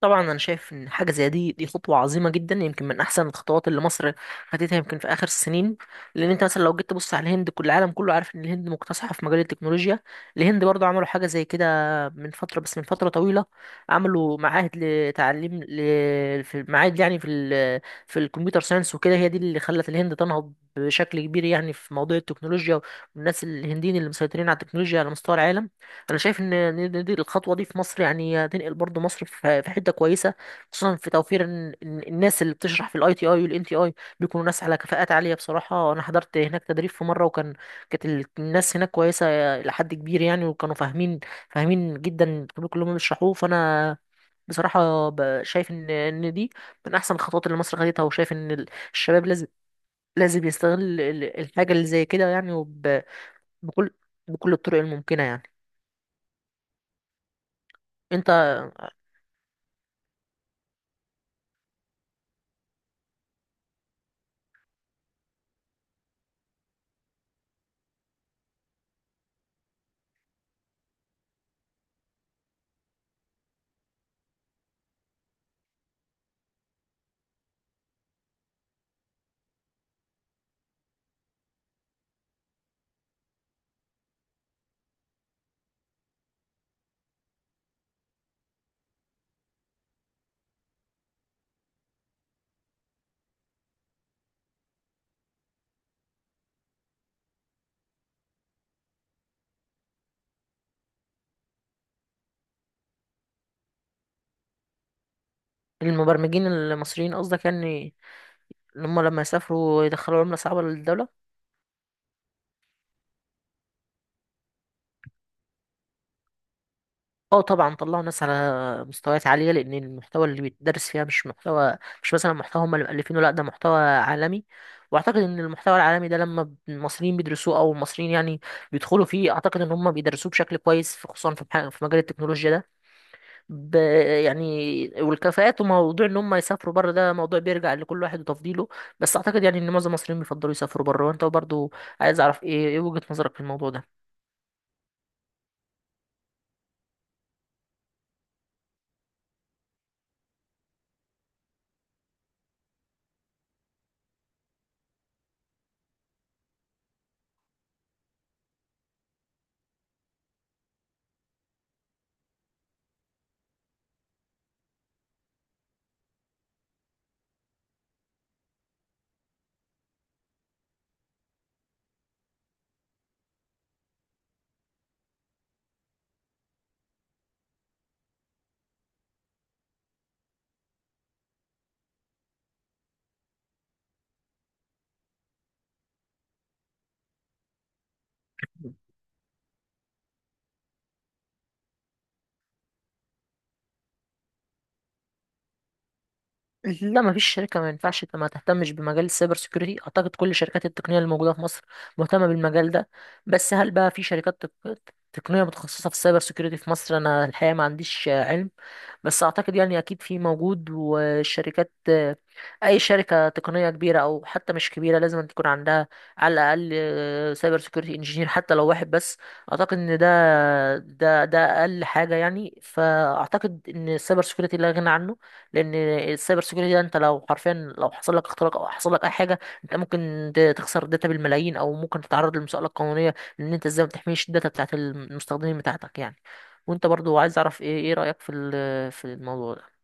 طبعا، انا شايف ان حاجه زي دي، دي خطوه عظيمه جدا، يمكن من احسن الخطوات اللي مصر خدتها يمكن في اخر السنين. لان انت مثلا لو جيت تبص على الهند، كل العالم كله عارف ان الهند مكتسحه في مجال التكنولوجيا. الهند برضو عملوا حاجه زي كده من فتره، بس من فتره طويله. عملوا معاهد لتعليم في معاهد، يعني في الكمبيوتر ساينس وكده. هي دي اللي خلت الهند تنهض بشكل كبير يعني في موضوع التكنولوجيا، والناس الهنديين اللي مسيطرين على التكنولوجيا على مستوى العالم. انا شايف ان دي الخطوه دي في مصر يعني هتنقل برضو مصر في في حته كويسه، خصوصا في توفير إن الناس اللي بتشرح في الاي تي اي والان تي اي بيكونوا ناس على كفاءات عاليه. بصراحه، انا حضرت هناك تدريب في مره، وكان كانت الناس هناك كويسه الى حد كبير يعني، وكانوا فاهمين، فاهمين جدا الطريق اللي هم بيشرحوه. فانا بصراحه شايف ان دي من احسن الخطوات اللي مصر خدتها، وشايف ان الشباب لازم يستغل الحاجه اللي زي كده يعني، وب- بكل بكل الطرق الممكنه يعني. انت، المبرمجين المصريين قصدك يعني، اللي هم لما يسافروا يدخلوا عملة صعبة للدولة؟ اه، طبعا طلعوا ناس على مستويات عالية، لأن المحتوى اللي بيتدرس فيها مش محتوى، مش مثلا محتوى هم اللي مألفينه، لأ، ده محتوى عالمي. وأعتقد إن المحتوى العالمي ده لما المصريين بيدرسوه أو المصريين يعني بيدخلوا فيه، أعتقد إن هم بيدرسوه بشكل كويس خصوصا في في مجال التكنولوجيا ده. ب... يعني والكفاءات وموضوع ان هم يسافروا بره، ده موضوع بيرجع لكل واحد وتفضيله. بس اعتقد يعني ان معظم المصريين بيفضلوا يسافروا بره. وانت برضو، عايز اعرف ايه وجهة نظرك في الموضوع ده. لا، مفيش شركة، ما ينفعش ما تهتمش بمجال السايبر سيكيورتي. اعتقد كل شركات التقنية اللي موجودة في مصر مهتمة بالمجال ده. بس هل بقى في شركات تقنية متخصصة في السايبر سيكيورتي في مصر؟ انا الحقيقة ما عنديش علم، بس اعتقد يعني اكيد في موجود. والشركات، اي شركه تقنيه كبيره او حتى مش كبيره، لازم أن تكون عندها على الاقل سايبر سيكيورتي انجينير، حتى لو واحد بس. اعتقد ان ده، اقل حاجه يعني. فاعتقد ان السايبر سيكيورتي لا غنى عنه، لان السايبر سيكيورتي ده، انت لو حرفيا لو حصل لك اختراق او حصل لك اي حاجه، انت ممكن تخسر داتا بالملايين، او ممكن تتعرض لمساءله قانونيه، لان انت ازاي ما بتحميش الداتا بتاعت المستخدمين بتاعتك يعني. وانت برضو، عايز اعرف ايه رايك في في الموضوع ده؟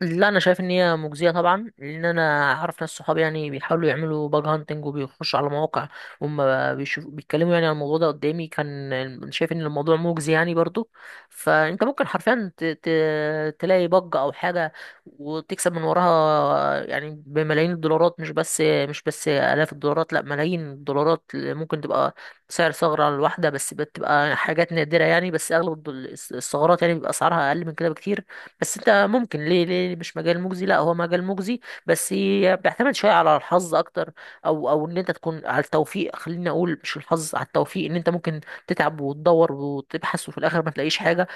لا، انا شايف ان هي مجزيه طبعا، لان انا اعرف ناس صحابي يعني بيحاولوا يعملوا باج هانتنج وبيخشوا على مواقع، وهم بيشوفوا، بيتكلموا يعني عن الموضوع ده قدامي، كان شايف ان الموضوع مجزي يعني برضو. فانت ممكن حرفيا تلاقي باج او حاجه وتكسب من وراها يعني بملايين الدولارات، مش بس، الاف الدولارات، لا، ملايين الدولارات ممكن تبقى سعر ثغره على الواحده، بس بتبقى حاجات نادره يعني. بس اغلب الثغرات يعني بيبقى اسعارها اقل من كده بكتير. بس انت ممكن، ليه مش مجال مجزي؟ لا، هو مجال مجزي، بس بيعتمد شويه على الحظ اكتر، او ان انت تكون على التوفيق. خليني اقول، مش الحظ، على التوفيق، ان انت ممكن تتعب وتدور وتبحث وفي الاخر ما تلاقيش حاجه،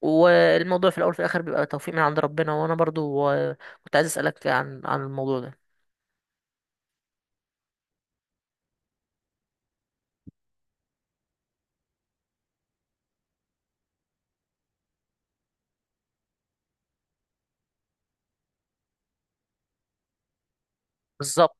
والموضوع في الاول وفي الاخر بيبقى توفيق من عند ربنا. وانا برضو كنت عايز اسالك عن الموضوع ده. بالظبط.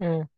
مم.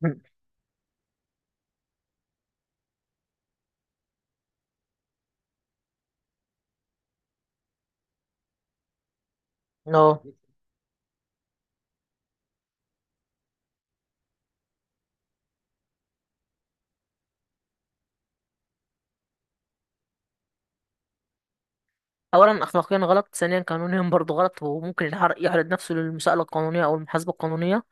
اه، اولا اخلاقيا غلط، ثانيا قانونيا برضو غلط، وممكن يعرض نفسه للمساءله القانونيه او المحاسبه القانونيه.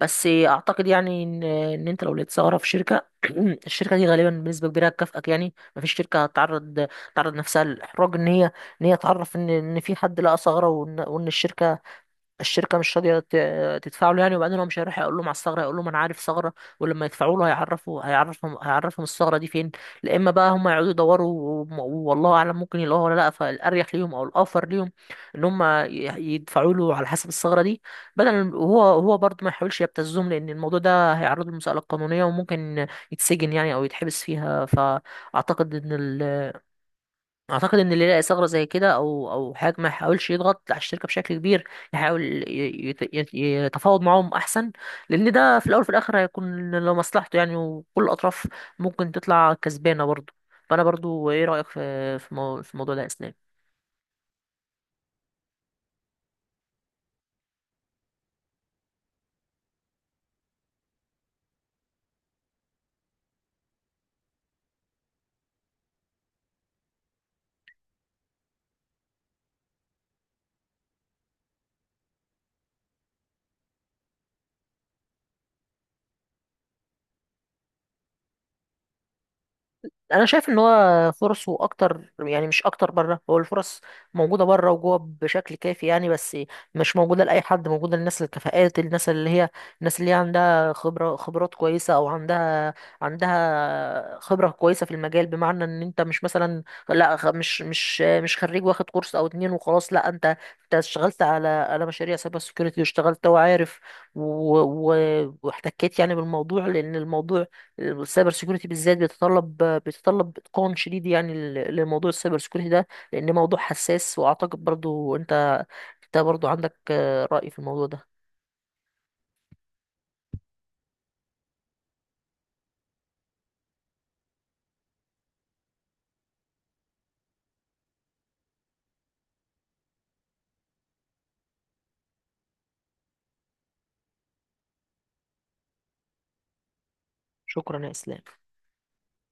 بس اعتقد يعني ان انت لو لقيت ثغره في شركه الشركه دي غالبا بنسبه كبيره هتكافئك. يعني مفيش شركه تعرض نفسها للاحراج، ان هي تعرف ان في حد لقى ثغره، وان الشركه مش راضيه تدفع له يعني. وبعدين هو مش هيروح يقول لهم على الثغره، هيقول لهم، انا عارف ثغره، ولما يدفعوا له هيعرفوا، هيعرفهم الثغره دي فين. لا، اما بقى هم يقعدوا يدوروا، و- والله اعلم ممكن يلاقوها ولا لا، فالاريح ليهم او الاوفر ليهم ان هم يدفعوا له على حسب الثغره دي، بدل. وهو، هو برضه ما يحاولش يبتزهم، لان الموضوع ده هيعرضه للمساله القانونيه وممكن يتسجن يعني او يتحبس فيها. اعتقد ان اللي يلاقي ثغره زي كده او حاجه، ما يحاولش يضغط على الشركه بشكل كبير، يحاول يتفاوض معاهم احسن، لان ده في الاول وفي الاخر هيكون لمصلحته يعني، وكل الاطراف ممكن تطلع كسبانه برضه. فانا برضه، ايه رايك في الموضوع ده يا اسلام؟ انا شايف ان هو فرصه اكتر يعني، مش اكتر بره، هو الفرص موجوده بره وجوه بشكل كافي يعني، بس مش موجوده لاي حد، موجوده للناس الكفاءات، الناس اللي هي عندها خبره، خبرات كويسه، او عندها خبره كويسه في المجال. بمعنى ان انت مش مثلا، لا، مش خريج واخد كورس او اتنين وخلاص، لا، انت انت اشتغلت على مشاريع سايبر سيكيورتي واشتغلت وعارف و- واحتكيت يعني بالموضوع، لان الموضوع السايبر سيكوريتي بالذات بيتطلب اتقان شديد يعني لموضوع السايبر سيكوريتي ده، لان موضوع حساس. واعتقد برضو انت برضو عندك رأي في الموضوع ده. شكرا يا اسلام.